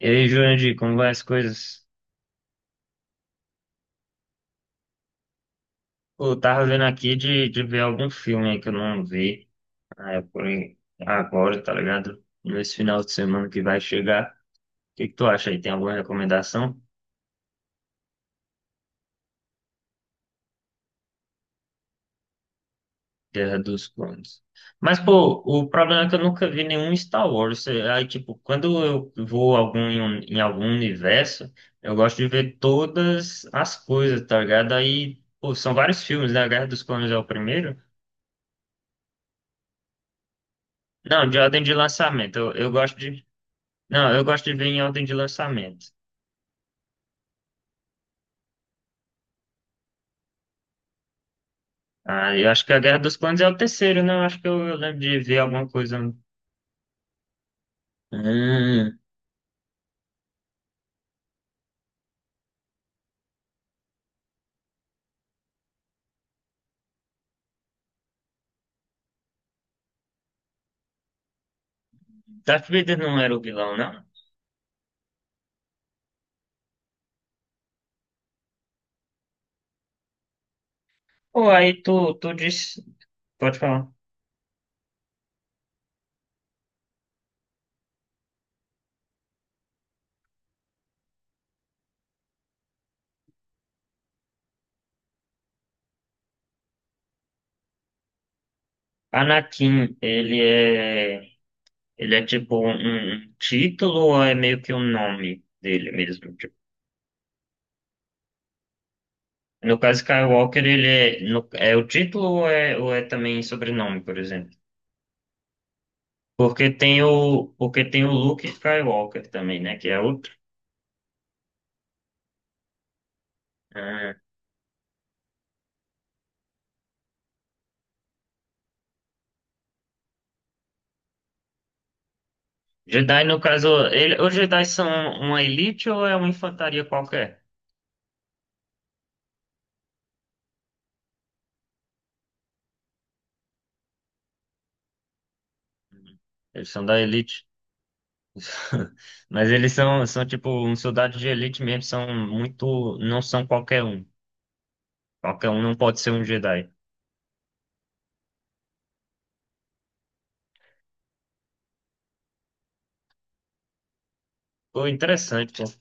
E aí, Jurandir, como vai as coisas? Pô, eu tava vendo aqui de ver algum filme aí que eu não vi. Ah, é por aí, agora, tá ligado? Nesse final de semana que vai chegar. O que que tu acha aí? Tem alguma recomendação? Guerra dos Clones. Mas, pô, o problema é que eu nunca vi nenhum Star Wars. Aí, tipo, quando eu vou algum, em algum universo, eu gosto de ver todas as coisas, tá ligado? Aí, pô, são vários filmes, né? A Guerra dos Clones é o primeiro. Não, de ordem de lançamento. Eu gosto de. Não, eu gosto de ver em ordem de lançamento. Ah, eu acho que a Guerra dos Clones é o terceiro, né? Eu acho que eu lembro de ver alguma coisa. Hum. Darth Vader não era o vilão, não? Pô, aí tu disse. Pode falar. Anakin, ele é. Ele é tipo um título ou é meio que o nome dele mesmo? Tipo, no caso Skywalker, ele é, no- é o título ou é também sobrenome, por exemplo? Porque tem o Luke Skywalker também, né? Que é outro. Ah. Jedi, no caso, ele, os Jedi são uma elite ou é uma infantaria qualquer? Eles são da elite. Mas eles são, são tipo um soldado de elite mesmo, são muito, não são qualquer um. Qualquer um não pode ser um Jedi. Pô, interessante, pô.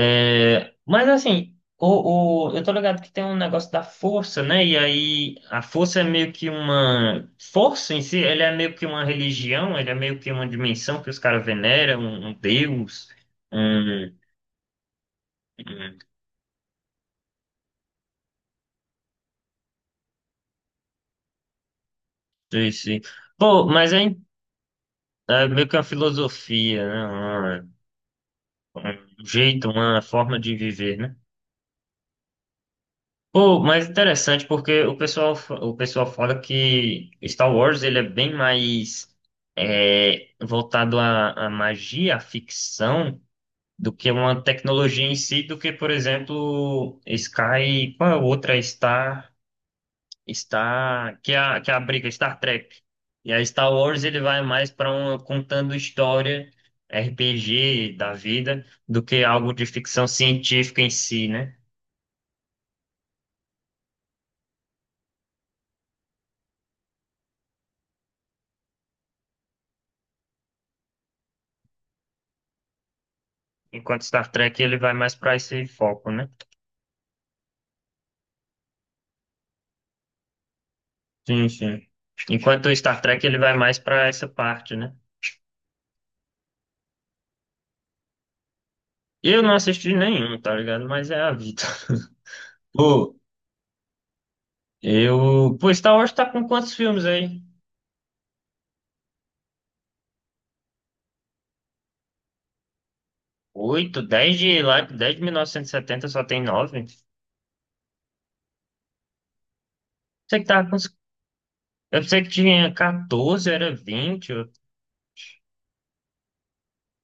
É, mas assim, eu tô ligado que tem um negócio da força, né? E aí a força é meio que uma. Força em si, ele é meio que uma religião, ele é meio que uma dimensão que os caras veneram, um deus. um um Sim, sim. Pô, mas é meio que uma filosofia, né? Uma- Um jeito, uma forma de viver, né? Pô, mas interessante porque o pessoal fala que Star Wars ele é bem mais voltado à magia, à ficção, do que uma tecnologia em si, do que, por exemplo, Sky, qual é a outra? Star. Star, que que é a briga Star Trek. E a Star Wars ele vai mais para um contando história RPG da vida do que algo de ficção científica em si, né? Enquanto Star Trek ele vai mais para esse foco, né? Sim, sim. Enquanto o Star Trek ele vai mais para essa parte, né? Eu não assisti nenhum, tá ligado? Mas é a vida. Pô, eu. Pô, Star Wars tá com quantos filmes aí? Oito, dez de lá, dez de 1970 só tem nove. Você que tava com. Eu pensei que tinha 14, era 20. Eu,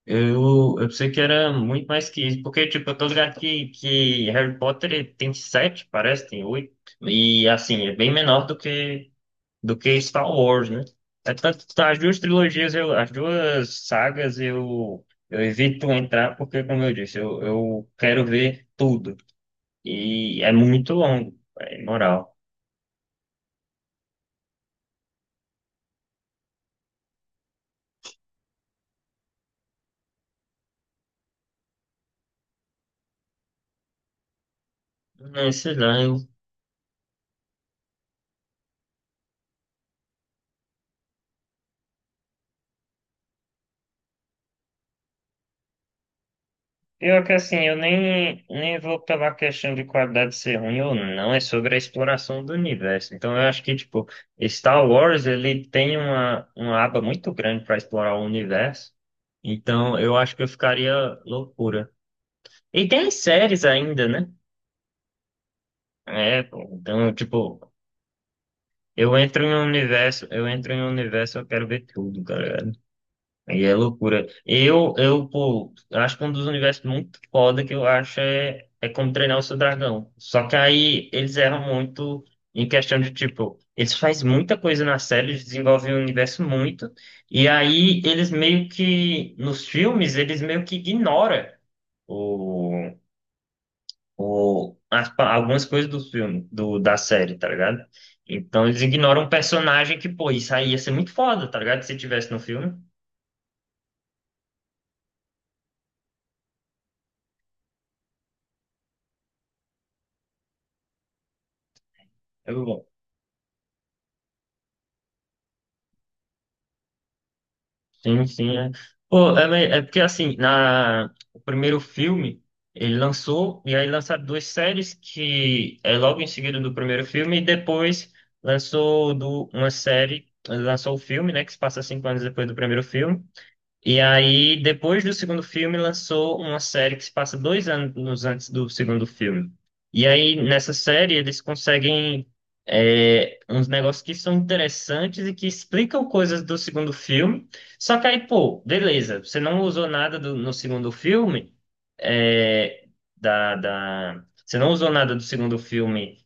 eu, eu pensei que era muito mais que isso. Porque, tipo, eu tô ligado que Harry Potter tem 7, parece, tem oito. E, assim, é bem menor do que Star Wars, né? É tanto, tá, as duas trilogias, eu, as duas sagas, eu evito entrar porque, como eu disse, eu quero ver tudo. E é muito longo, é imoral. Não sei lá, eu. Pior que assim, eu nem vou pela questão de qualidade ser ruim ou não, é sobre a exploração do universo. Então eu acho que, tipo, Star Wars, ele tem uma aba muito grande para explorar o universo. Então eu acho que eu ficaria loucura. E tem as séries ainda, né? É, pô, então, tipo, eu entro em um universo, eu quero ver tudo, cara. E é loucura. Eu acho que um dos universos muito foda que eu acho é como treinar o seu dragão. Só que aí eles erram muito em questão de, tipo, eles fazem muita coisa na série, eles desenvolvem o universo muito, e aí eles meio que, nos filmes, eles meio que ignoram o, algumas coisas do filme, da série, tá ligado? Então eles ignoram um personagem que, pô, isso aí ia ser muito foda, tá ligado? Se tivesse no filme. Sim, sim, é. É porque assim, na, o primeiro filme, ele lançou, e aí lançaram duas séries que é logo em seguida do primeiro filme, e depois uma série, lançou o filme, né, que se passa 5 anos depois do primeiro filme, e aí, depois do segundo filme, lançou uma série que se passa 2 anos antes do segundo filme. E aí, nessa série, eles conseguem uns negócios que são interessantes e que explicam coisas do segundo filme. Só que aí, pô, beleza, você não usou nada do- no segundo filme, é, você não usou nada do segundo filme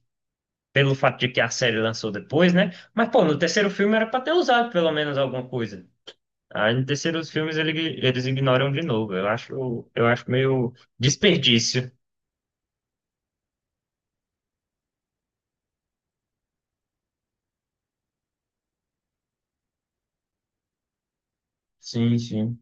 pelo fato de que a série lançou depois, né? Mas, pô, no terceiro filme era pra ter usado pelo menos alguma coisa. Aí no terceiro eles ignoram de novo. Eu acho meio desperdício. Sim, sim.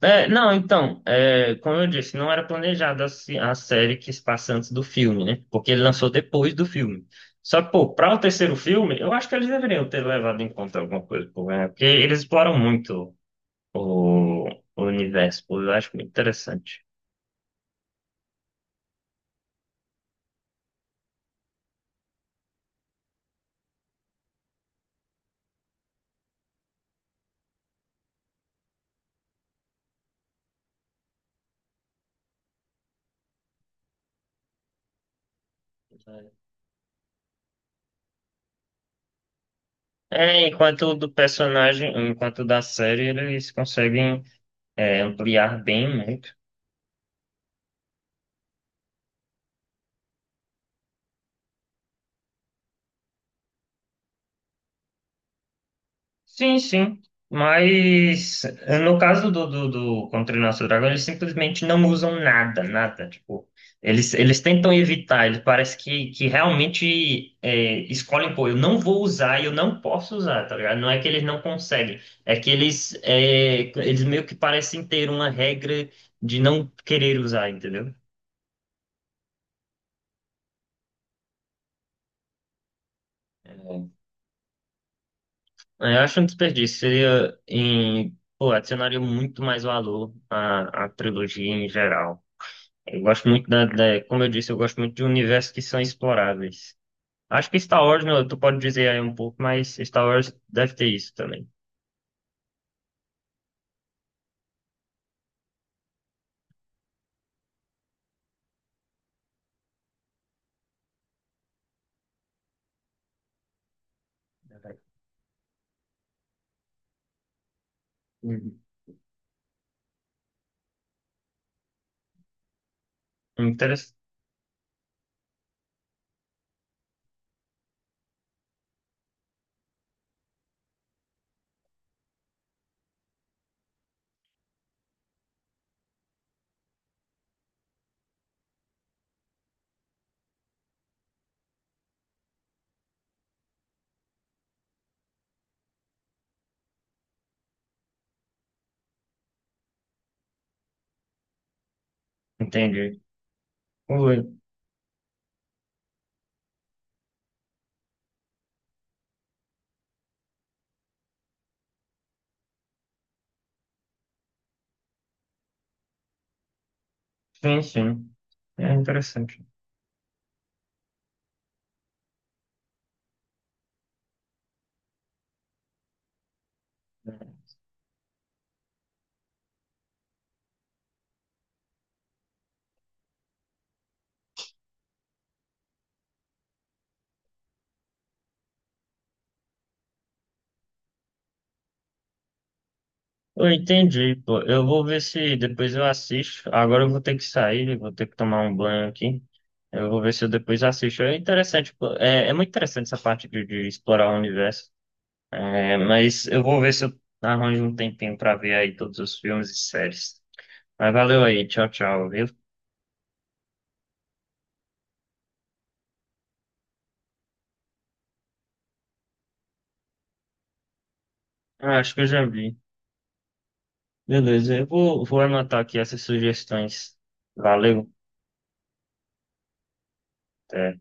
É, não, então, é, como eu disse, não era planejada a série que se passa antes do filme, né? Porque ele lançou depois do filme. Só que, pô, para o terceiro filme, eu acho que eles deveriam ter levado em conta alguma coisa, pô, né? Porque eles exploram muito o, o universo, pô, eu acho muito interessante. É, enquanto o do personagem, enquanto o da série, eles conseguem ampliar bem, né? Sim, sim. Mas no caso do Contra o Nosso Dragão, eles simplesmente não usam nada, nada. Tipo, eles tentam evitar, eles parece que realmente escolhem, pô, eu não vou usar e eu não posso usar, tá ligado? Não é que eles não conseguem, é que eles, eles meio que parecem ter uma regra de não querer usar, entendeu? É, eu acho um desperdício. Seria em, pô, adicionaria muito mais valor à trilogia em geral. Eu gosto muito como eu disse, eu gosto muito de universos que são exploráveis. Acho que Star Wars, né, tu pode dizer aí um pouco, mas Star Wars deve ter isso também. Uhum. Interessante. Entendi. Oi. Sim, sim. É interessante. Eu entendi, pô. Eu vou ver se depois eu assisto. Agora eu vou ter que sair, vou ter que tomar um banho aqui. Eu vou ver se eu depois assisto. É interessante, pô. É, é muito interessante essa parte de explorar o universo. É, mas eu vou ver se eu arranjo um tempinho pra ver aí todos os filmes e séries. Mas valeu aí, tchau, tchau, viu? Ah, acho que eu já vi. Beleza, vou anotar aqui essas sugestões. Valeu. Até.